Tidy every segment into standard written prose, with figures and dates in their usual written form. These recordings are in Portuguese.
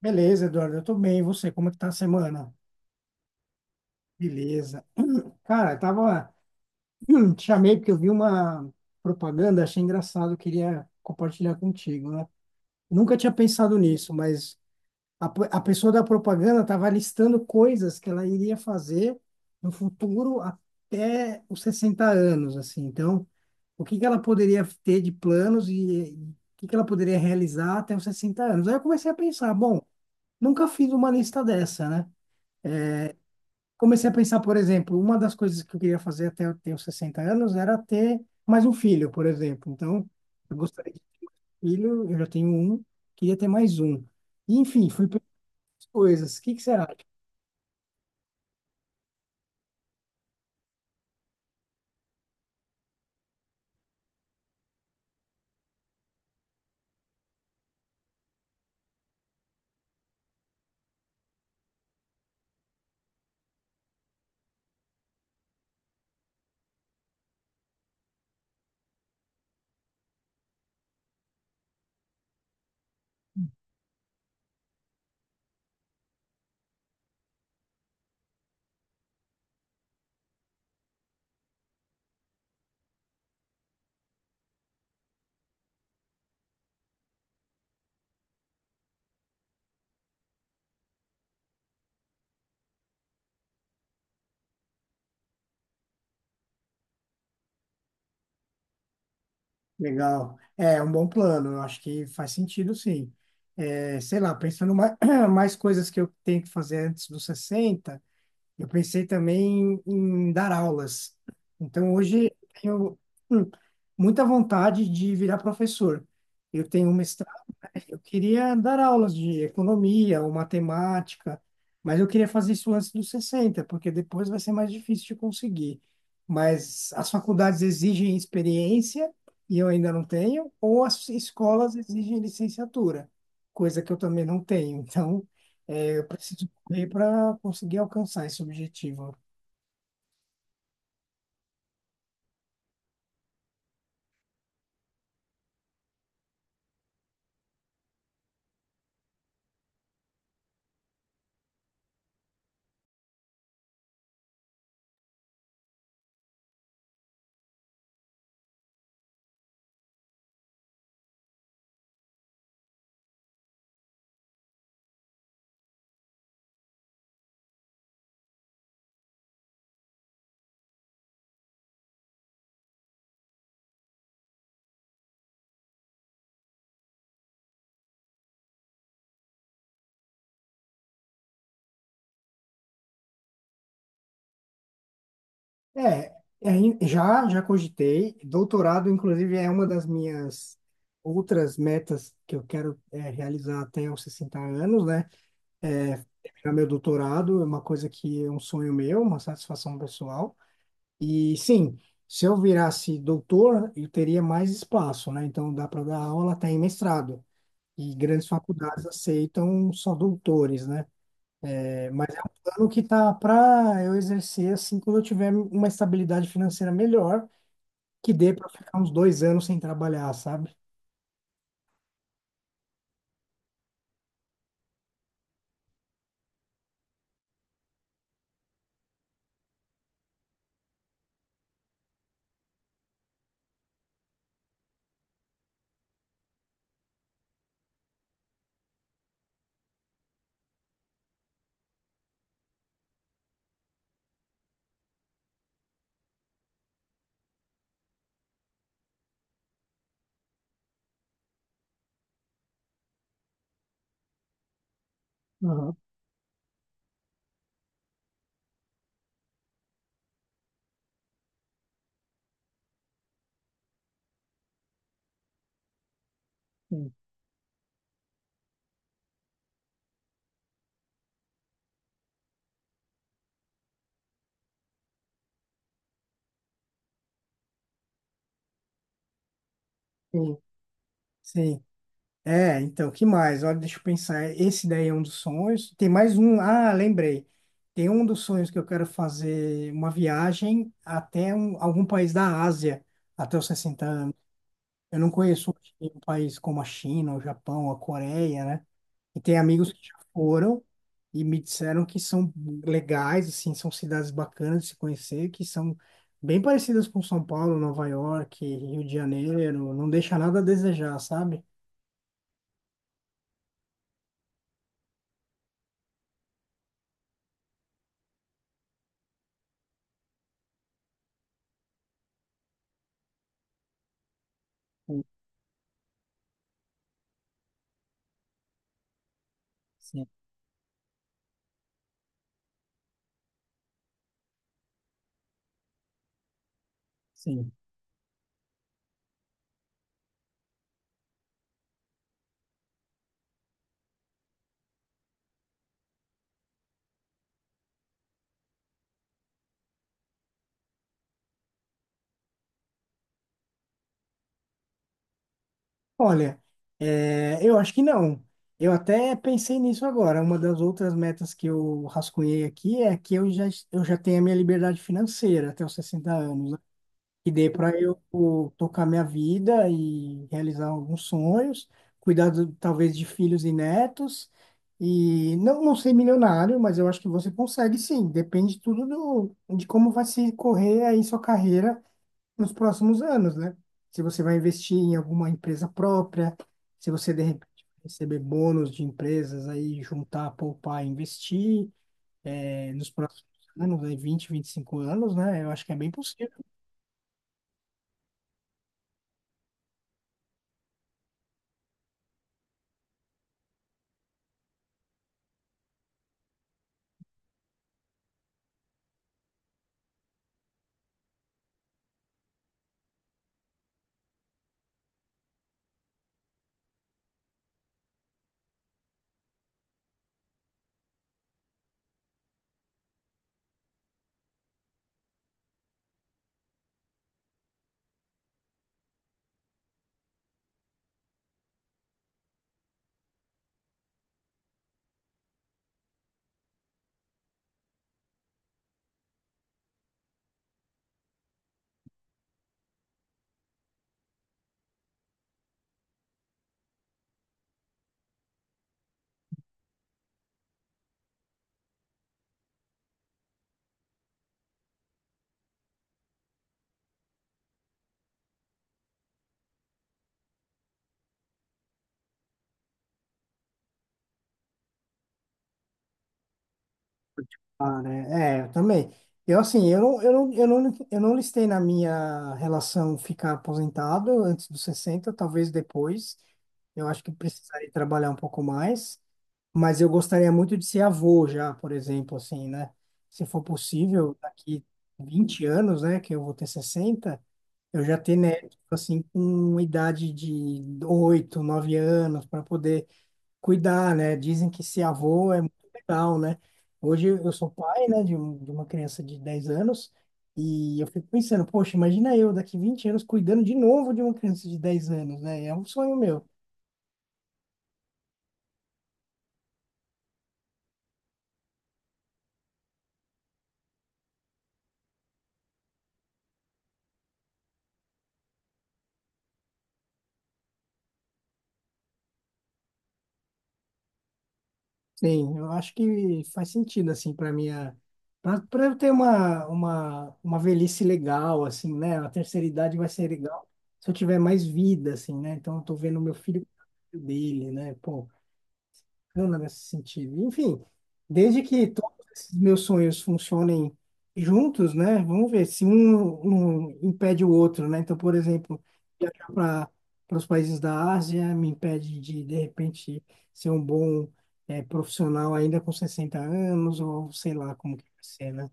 Beleza, Eduardo, eu tô bem. E você, como é que tá a semana? Beleza. Cara, eu tava... Te chamei porque eu vi uma propaganda, achei engraçado, eu queria compartilhar contigo, né? Nunca tinha pensado nisso, mas a pessoa da propaganda tava listando coisas que ela iria fazer no futuro até os 60 anos, assim. Então, o que que ela poderia ter de planos e o que que ela poderia realizar até os 60 anos? Aí eu comecei a pensar, bom, nunca fiz uma lista dessa, né? Comecei a pensar, por exemplo, uma das coisas que eu queria fazer até eu ter os 60 anos era ter mais um filho, por exemplo. Então, eu gostaria de ter um filho, eu já tenho um, queria ter mais um. E, enfim, fui pensando as coisas. O que que será? É legal. É um bom plano, eu acho que faz sentido, sim. É, sei lá, pensando mais, mais coisas que eu tenho que fazer antes dos 60, eu pensei também em dar aulas. Então, hoje eu tenho hum, muita vontade de virar professor. Eu tenho uma, eu queria dar aulas de economia ou matemática, mas eu queria fazer isso antes dos 60, porque depois vai ser mais difícil de conseguir. Mas as faculdades exigem experiência, e eu ainda não tenho, ou as escolas exigem licenciatura, coisa que eu também não tenho. Então, eu preciso correr para conseguir alcançar esse objetivo. É, já cogitei. Doutorado, inclusive, é uma das minhas outras metas que eu quero é, realizar até os 60 anos, né? É, terminar meu doutorado é uma coisa que é um sonho meu, uma satisfação pessoal. E sim, se eu virasse doutor, eu teria mais espaço, né? Então dá para dar aula até em mestrado. E grandes faculdades aceitam só doutores, né? É, mas é um plano que tá para eu exercer assim quando eu tiver uma estabilidade financeira melhor que dê para ficar uns 2 anos sem trabalhar, sabe? Aham, sim. Sim, sim. É, então, que mais? Olha, deixa eu pensar. Esse daí é um dos sonhos. Tem mais um. Ah, lembrei. Tem um dos sonhos que eu quero fazer uma viagem até algum país da Ásia, até os 60 anos. Eu não conheço um país como a China, o Japão, a Coreia, né? E tem amigos que já foram e me disseram que são legais, assim, são cidades bacanas de se conhecer, que são bem parecidas com São Paulo, Nova York, Rio de Janeiro, não deixa nada a desejar, sabe? Sim, sim. Sim. Olha, é, eu acho que não. Eu até pensei nisso agora. Uma das outras metas que eu rascunhei aqui é que eu já tenho a minha liberdade financeira até os 60 anos. Que dê para eu pô, tocar minha vida e realizar alguns sonhos, cuidar talvez de filhos e netos, e não, não ser milionário, mas eu acho que você consegue sim, depende tudo do, de como vai se correr aí sua carreira nos próximos anos, né? Se você vai investir em alguma empresa própria, se você de repente receber bônus de empresas aí, juntar, poupar, investir nos próximos anos, aí 20, 25 anos, né? Eu acho que é bem possível. Ah, né? É, eu também. Eu, assim, eu não, eu não, eu não, eu não listei na minha relação ficar aposentado antes dos 60, talvez depois. Eu acho que precisaria trabalhar um pouco mais. Mas eu gostaria muito de ser avô já, por exemplo, assim, né? Se for possível, daqui 20 anos, né, que eu vou ter 60, eu já ter neto, assim, com idade de 8 9 anos, para poder cuidar, né? Dizem que ser avô é muito legal, né? Hoje eu sou pai, né, de uma criança de 10 anos e eu fico pensando, poxa, imagina eu daqui 20 anos cuidando de novo de uma criança de 10 anos, né? É um sonho meu. Sim, eu acho que faz sentido, assim, para minha... Para eu ter uma velhice legal, assim, né? A terceira idade vai ser legal se eu tiver mais vida, assim, né? Então eu tô vendo meu filho dele, né? Pô, bacana nesse sentido. Enfim, desde que todos esses meus sonhos funcionem juntos, né? Vamos ver se um impede o outro, né? Então, por exemplo, viajar para os países da Ásia me impede de repente, ser um bom profissional ainda com 60 anos, ou sei lá como que vai ser, né?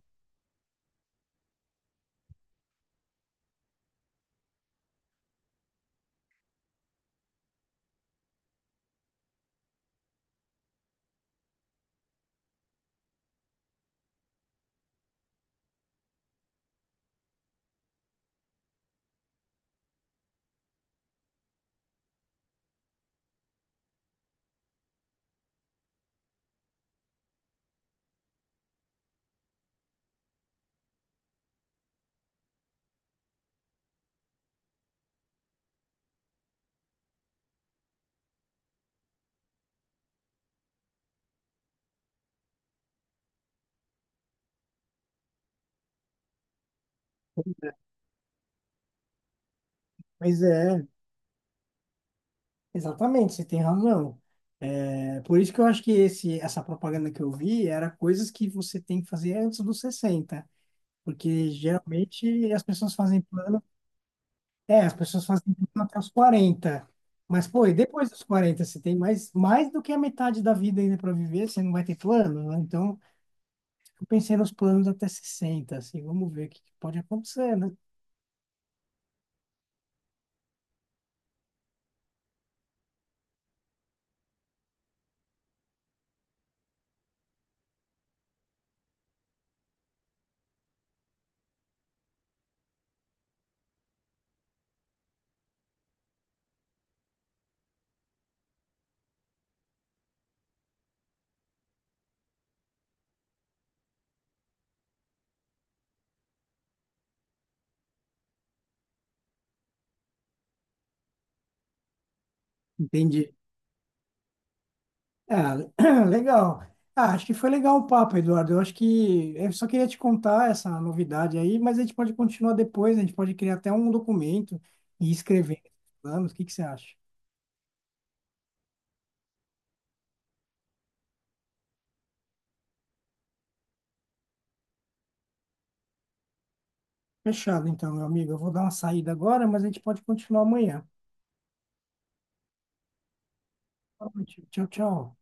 Pois é, exatamente, você tem razão. É, por isso que eu acho que essa propaganda que eu vi era coisas que você tem que fazer antes dos 60. Porque geralmente as pessoas fazem plano. É, as pessoas fazem plano até os 40. Mas, pô, e depois dos 40 você tem mais, mais do que a metade da vida ainda para viver, você não vai ter plano, né? Então, eu pensei nos planos até 60 assim, vamos ver o que que pode acontecer, né? Entendi. Ah, legal. Ah, acho que foi legal o papo, Eduardo. Eu acho que eu só queria te contar essa novidade aí, mas a gente pode continuar depois, a gente pode criar até um documento e escrever planos. O que que você acha? Fechado então, meu amigo. Eu vou dar uma saída agora, mas a gente pode continuar amanhã. Boa noite. Tchau, tchau.